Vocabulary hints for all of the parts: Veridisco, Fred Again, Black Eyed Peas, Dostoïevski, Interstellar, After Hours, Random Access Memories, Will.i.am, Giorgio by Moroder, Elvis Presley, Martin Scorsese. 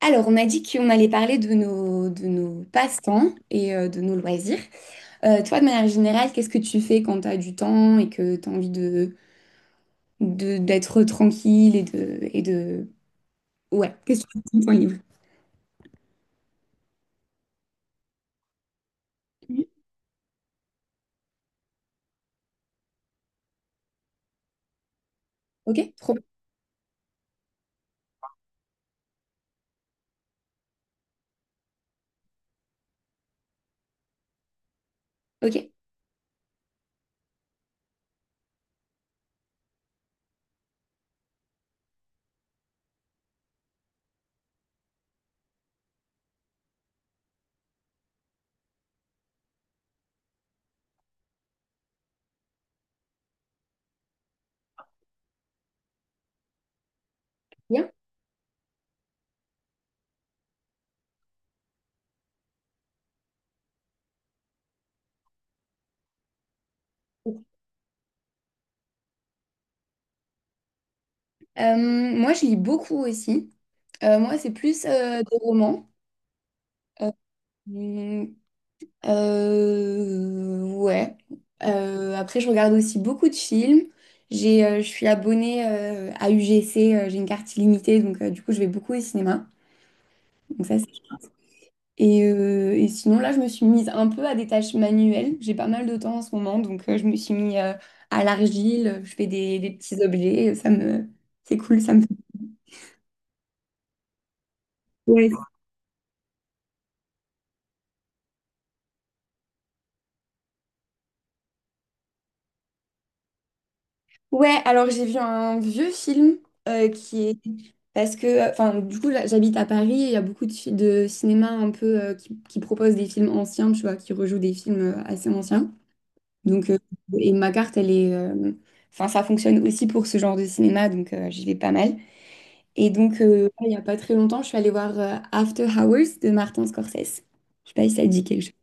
Alors, on a dit qu'on allait parler de de nos passe-temps et de nos loisirs. Toi, de manière générale, qu'est-ce que tu fais quand tu as du temps et que tu as envie d'être tranquille et de... Ouais, qu'est-ce que tu fais de ton livre? Ok, trop bien. Ok, bien. Euh, moi, je lis beaucoup aussi. Moi, c'est plus des romans. Euh, ouais. Après, je regarde aussi beaucoup de films. Je suis abonnée à UGC, j'ai une carte illimitée, donc du coup, je vais beaucoup au cinéma. Donc ça, c'est- et sinon, là, je me suis mise un peu à des tâches manuelles. J'ai pas mal de temps en ce moment, donc je me suis mise à l'argile, je fais des petits objets, ça me... C'est cool, ça me fait... Ouais, Ouais, alors j'ai vu un vieux film qui est parce que, enfin, du coup, là, j'habite à Paris et il y a beaucoup de, fi- de cinéma un peu qui proposent des films anciens, tu vois, qui rejouent des films assez anciens. Donc, et ma carte, elle est, enfin, ça fonctionne aussi pour ce genre de cinéma, donc j'y vais pas mal. Et donc, il n'y a pas très longtemps, je suis allée voir After Hours de Martin Scorsese. Je sais pas si ça te dit quelque chose.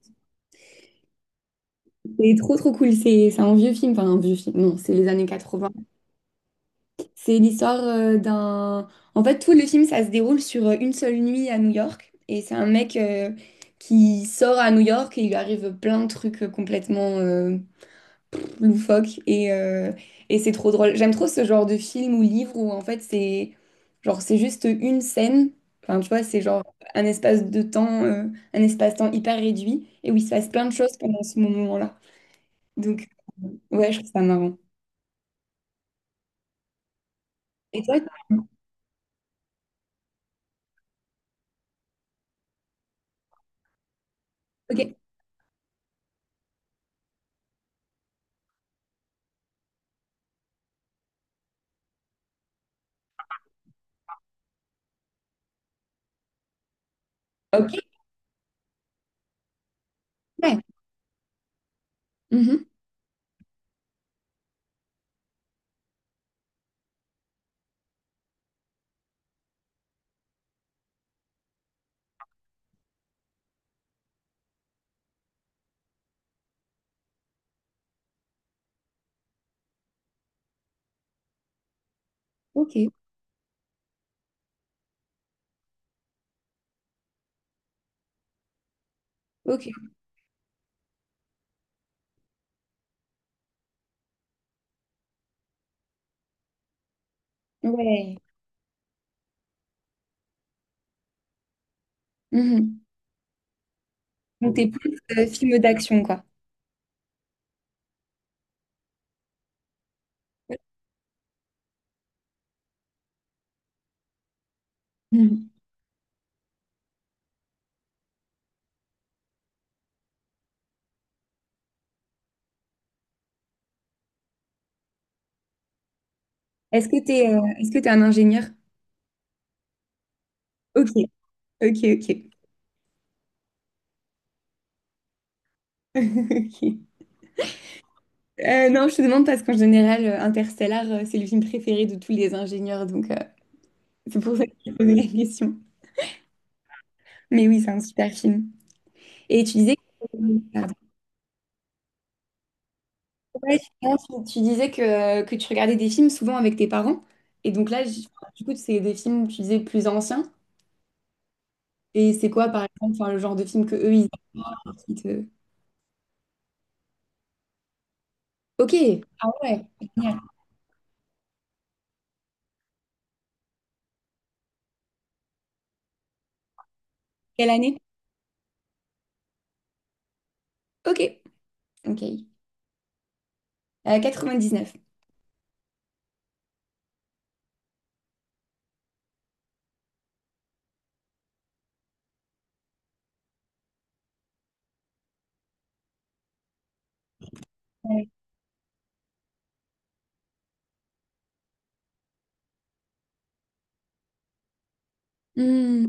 C'est trop trop cool. C'est un vieux film, enfin un vieux film. Non, c'est les années 80. C'est l'histoire d'un... En fait, tout le film, ça se déroule sur une seule nuit à New York. Et c'est un mec qui sort à New York et il lui arrive plein de trucs complètement loufoques. Et c'est trop drôle. J'aime trop ce genre de film ou livre où, en fait, c'est genre, c'est juste une scène. Enfin, tu vois, c'est genre un espace de temps, un espace-temps hyper réduit et où il se passe plein de choses pendant ce moment-là. Donc, ouais, je trouve ça marrant. Et toi, tu- ok. Ok. Ouais. Mhm. Ok. Ok, ouais. Mhm. Donc, t'es plus film d'action, quoi. Mhm. Est-ce que t'es un ingénieur? Ok, ok, ok. Ok. Non, je te demande parce qu'en général, Interstellar, c'est le film préféré de tous les ingénieurs, donc c'est pour ça que je te posais la question. Mais oui, c'est un super film. Et tu disais que, pardon. Ouais, non, tu disais que tu regardais des films souvent avec tes parents. Et donc là, j- du coup, c'est des films, tu disais, plus anciens. Et c'est quoi, par exemple, enfin, le genre de film que eux, ils apprécient. Ok, ah ouais, génial. Quelle année? Ok, ok. 99. Ouais. Hmm,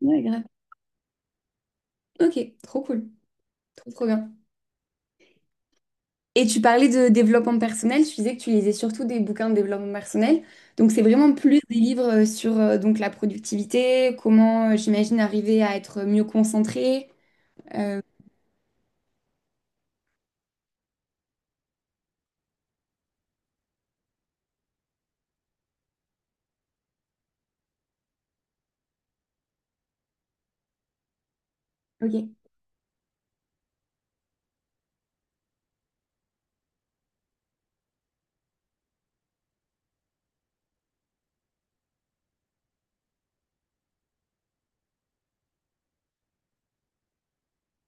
ouais, grave. Ok, trop cool. Trop, trop bien. Et tu parlais de développement personnel, tu disais que tu lisais surtout des bouquins de développement personnel. Donc, c'est vraiment plus des livres sur donc, la productivité, comment, j'imagine, arriver à être mieux concentré. Euh, ok.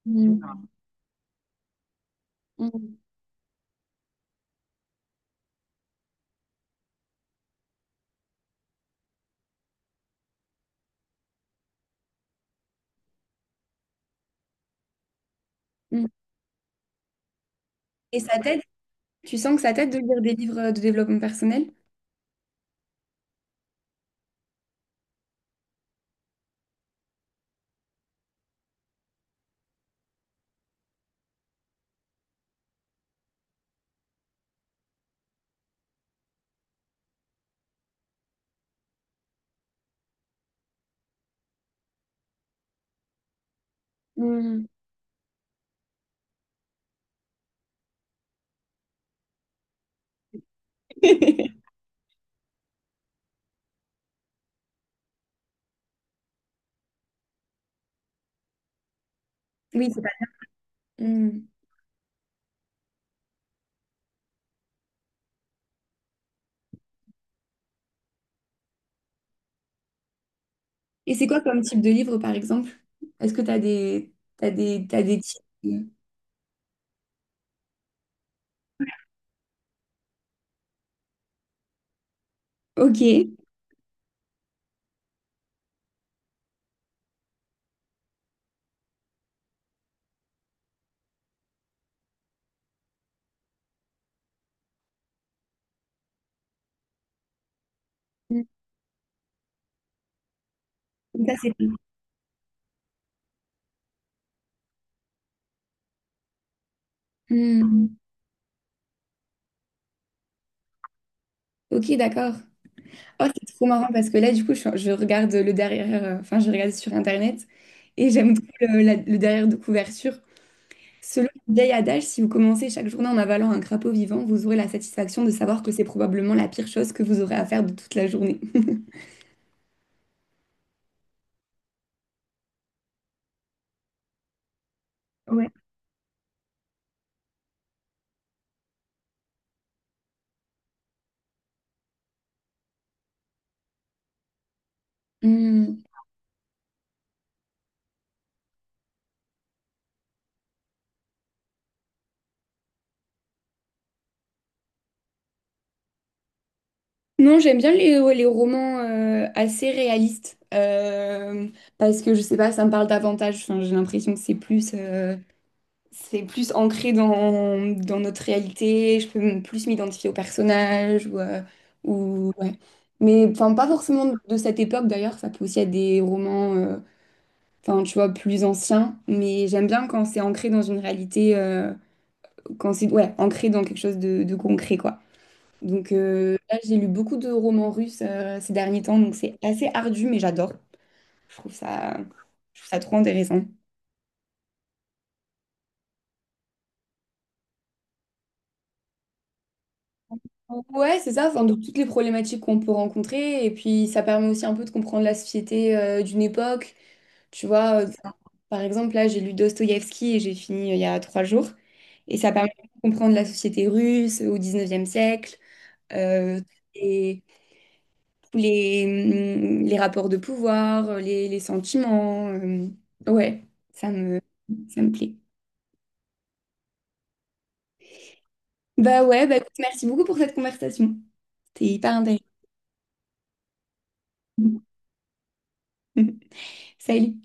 Hmm, hmm, hmm. Et ça t'aide? Tu sens que ça t'aide de lire des livres de développement personnel? Hmm. Oui, c'est pas. Mmh. Et c'est quoi comme type de livre, par exemple? Est-ce que t'as des types? Ok. Mm. Ça, c'est... Mm. Ok, d'accord. Oh, c'est trop marrant parce que là, du coup, je regarde le derrière, enfin, je regarde sur Internet et j'aime trop le, la- le derrière de couverture. Selon le vieil adage, si vous commencez chaque journée en avalant un crapaud vivant, vous aurez la satisfaction de savoir que c'est probablement la pire chose que vous aurez à faire de toute la journée. Ouais. Hmm. Non, j'aime bien les, ouais, les romans assez réalistes parce que je sais pas, ça me parle davantage. Enfin, j'ai l'impression que c'est plus ancré dans notre réalité. Je peux m- plus m'identifier au personnage ou ouais. Mais enfin, pas forcément de cette époque d'ailleurs. Ça peut aussi être des romans, enfin, tu vois, plus anciens. Mais j'aime bien quand c'est ancré dans une réalité, quand c'est ouais, ancré dans quelque chose de concret, quoi. Donc là, j'ai lu beaucoup de romans russes ces derniers temps, donc c'est assez ardu, mais j'adore. Je trouve ça, je trouve ça trop intéressant. Ouais, c'est ça, enfin, de toutes les problématiques qu'on peut rencontrer, et puis ça permet aussi un peu de comprendre la société d'une époque. Tu vois, ça- par exemple, là, j'ai lu Dostoïevski et j'ai fini il y a 3 jours, et ça permet de comprendre la société russe au 19e siècle, euh, les rapports de pouvoir, les sentiments. Ouais, ça me, ça me plaît. Bah ouais, bah écoute, merci beaucoup pour cette conversation. C'était hyper intéressant. Salut.